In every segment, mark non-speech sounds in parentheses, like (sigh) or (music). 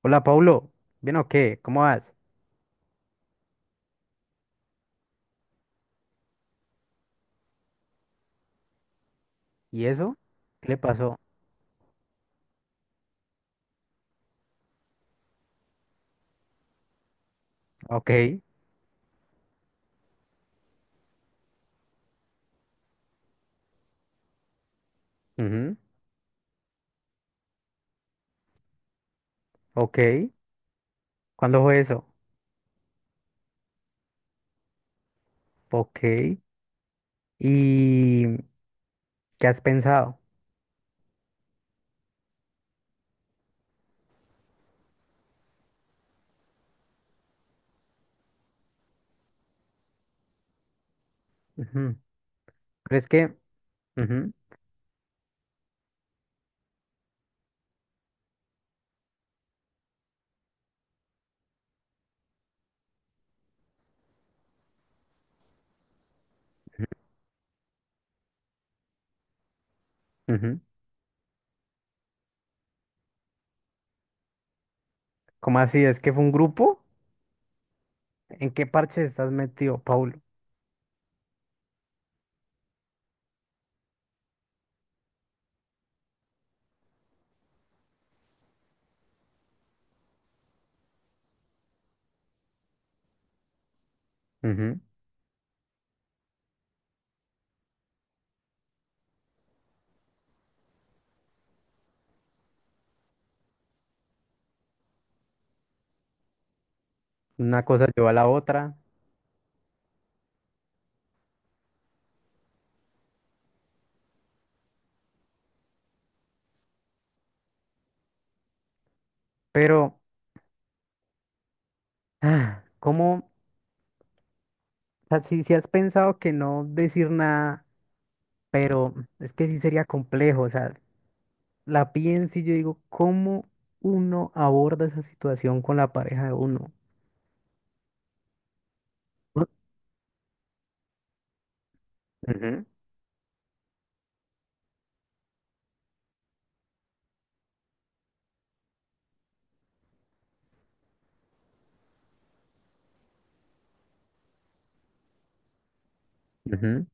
Hola, Paulo. ¿Bien o qué? ¿Cómo vas? ¿Y eso? ¿Qué le pasó? Ok. Ujú. Ok. ¿Cuándo fue eso? Ok. ¿Y qué has pensado? Ujú. ¿Crees que? Ujú. Ujú. ¿Cómo así? ¿Es que fue un grupo? ¿En qué parche estás metido, Paulo? Ujú. Una cosa llevó a la otra. Pero, ah, ¿cómo? O sea, si has pensado que no decir nada, pero es que sí sería complejo. O sea, la pienso y yo digo, ¿cómo uno aborda esa situación con la pareja de uno? Ujú. Ujú.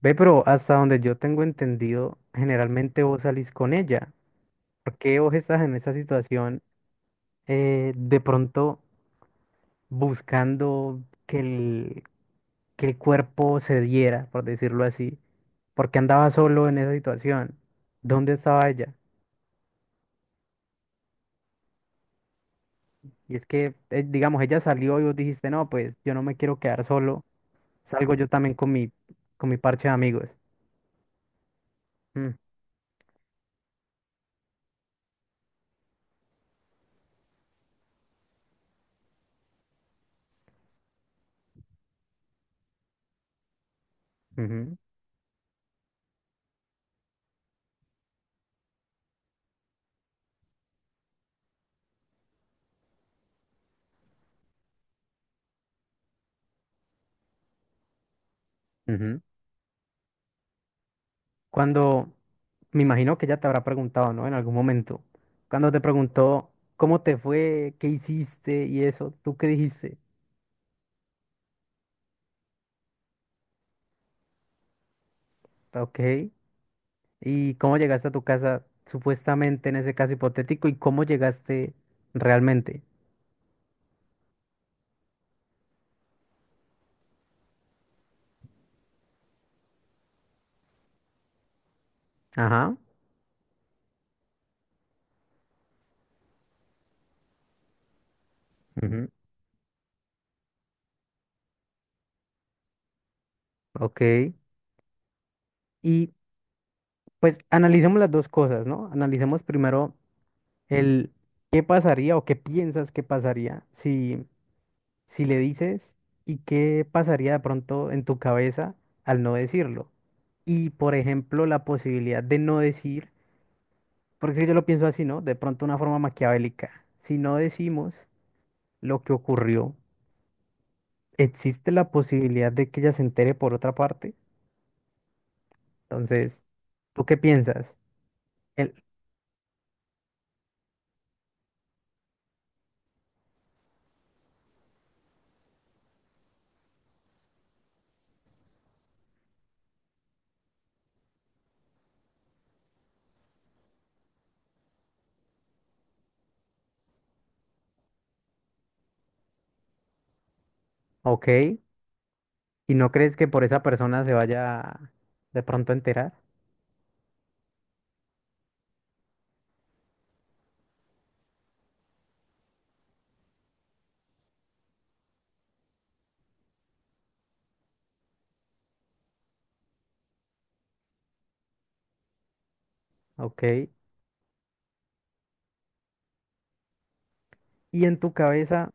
Ve, pero hasta donde yo tengo entendido, generalmente vos salís con ella. ¿Por qué vos estás en esa situación, de pronto buscando que el cuerpo se diera, por decirlo así? ¿Por qué andaba solo en esa situación? ¿Dónde estaba ella? Y es que, digamos, ella salió y vos dijiste, no, pues yo no me quiero quedar solo. Salgo yo también con mi parche de amigos. Mm. Ujú. Ujú. Cuando, me imagino que ya te habrá preguntado, ¿no? En algún momento. Cuando te preguntó cómo te fue, qué hiciste y eso, ¿tú qué dijiste? Ok. ¿Y cómo llegaste a tu casa, supuestamente en ese caso hipotético, y cómo llegaste realmente? Ajá. Ujú. Ok. Y pues analicemos las dos cosas, ¿no? Analicemos primero el qué pasaría o qué piensas que pasaría si si le dices, y qué pasaría de pronto en tu cabeza al no decirlo. Y por ejemplo, la posibilidad de no decir, porque es que yo lo pienso así, ¿no? De pronto una forma maquiavélica. Si no decimos lo que ocurrió, existe la posibilidad de que ella se entere por otra parte. Entonces, ¿tú qué piensas? El, ok, ¿y no crees que por esa persona se vaya de pronto a enterar? Ok. Y en tu cabeza.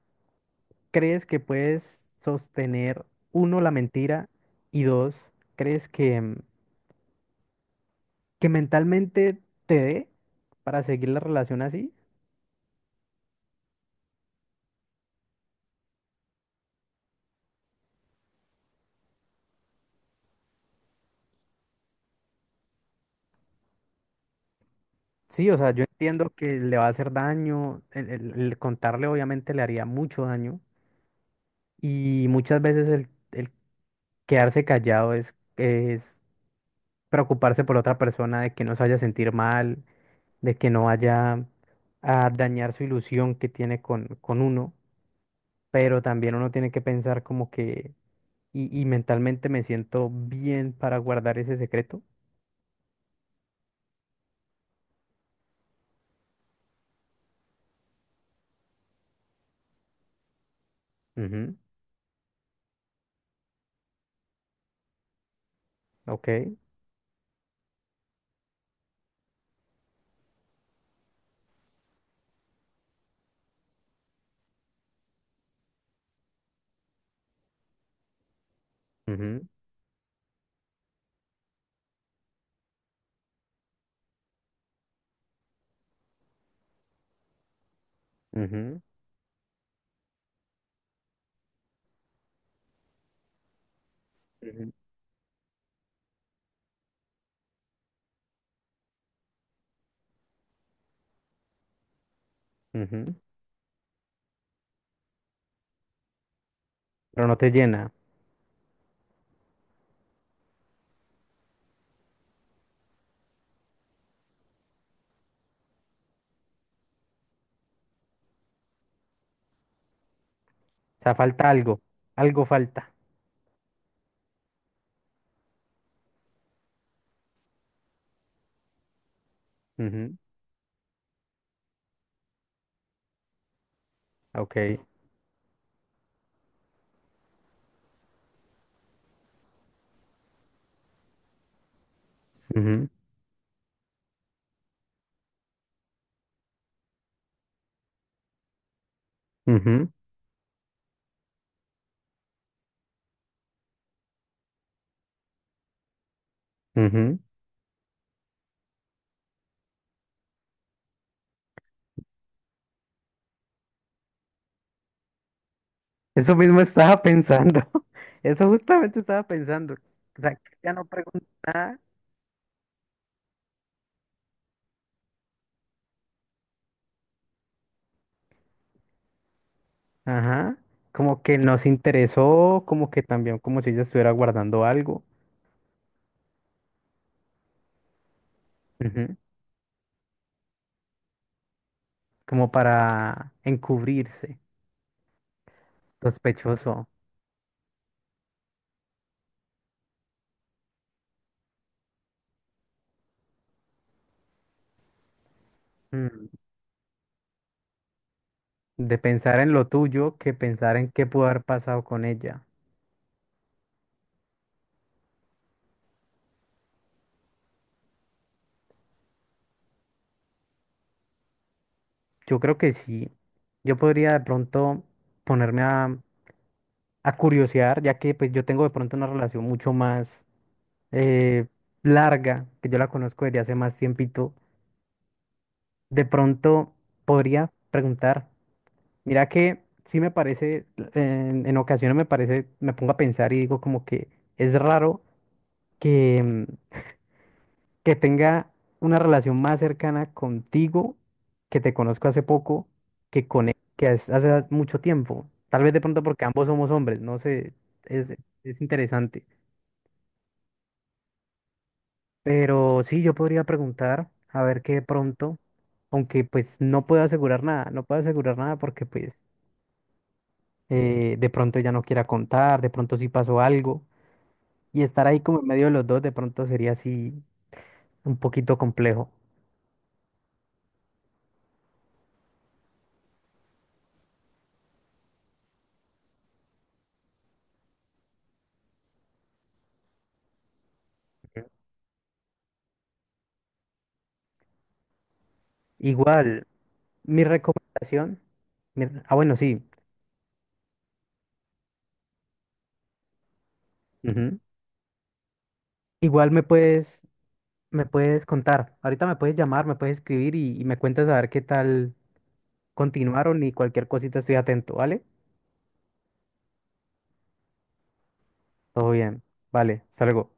¿Crees que puedes sostener, uno, la mentira y dos, crees que mentalmente te dé para seguir la relación así? Sí, o sea, yo entiendo que le va a hacer daño, el contarle obviamente le haría mucho daño, y muchas veces el quedarse callado es preocuparse por otra persona, de que no se vaya a sentir mal, de que no vaya a dañar su ilusión que tiene con uno, pero también uno tiene que pensar como que. Y mentalmente me siento bien para guardar ese secreto. Ujú. Ok. Ujú. Ujú. Ujú. Ujú. Pero no te llena. O sea, falta algo. Algo falta. Ujú. Ok. Ujú. Ujú. Ujú. Eso mismo estaba pensando. (laughs) Eso justamente estaba pensando. O sea, que ya no pregunto nada. Ajá. Como que nos interesó, como que también, como si ella estuviera guardando algo. Ujú. Como para encubrirse. Sospechoso. Mm. De pensar en lo tuyo que pensar en qué pudo haber pasado con ella. Yo creo que sí. Yo podría de pronto ponerme a curiosear, ya que pues yo tengo de pronto una relación mucho más, eh, larga, que yo la conozco desde hace más tiempito. De pronto podría preguntar, mira que sí me parece, en ocasiones me parece, me pongo a pensar y digo como que es raro que... mm, que tenga una relación más cercana contigo, que te conozco hace poco, que con él, que hace mucho tiempo. Tal vez de pronto porque ambos somos hombres, no sé, es, es interesante. Pero sí, yo podría preguntar, a ver qué de pronto, aunque pues no puedo asegurar nada, no puedo asegurar nada porque pues, de pronto ella no quiera contar, de pronto sí pasó algo, y estar ahí como en medio de los dos de pronto sería así un poquito complejo. Igual. Mi recomendación, ah, bueno, sí. Ujú. Igual me puedes contar. Ahorita me puedes llamar, me puedes escribir, y me cuentas a ver qué tal continuaron, y cualquier cosita estoy atento, ¿vale? Todo bien. Vale, hasta luego.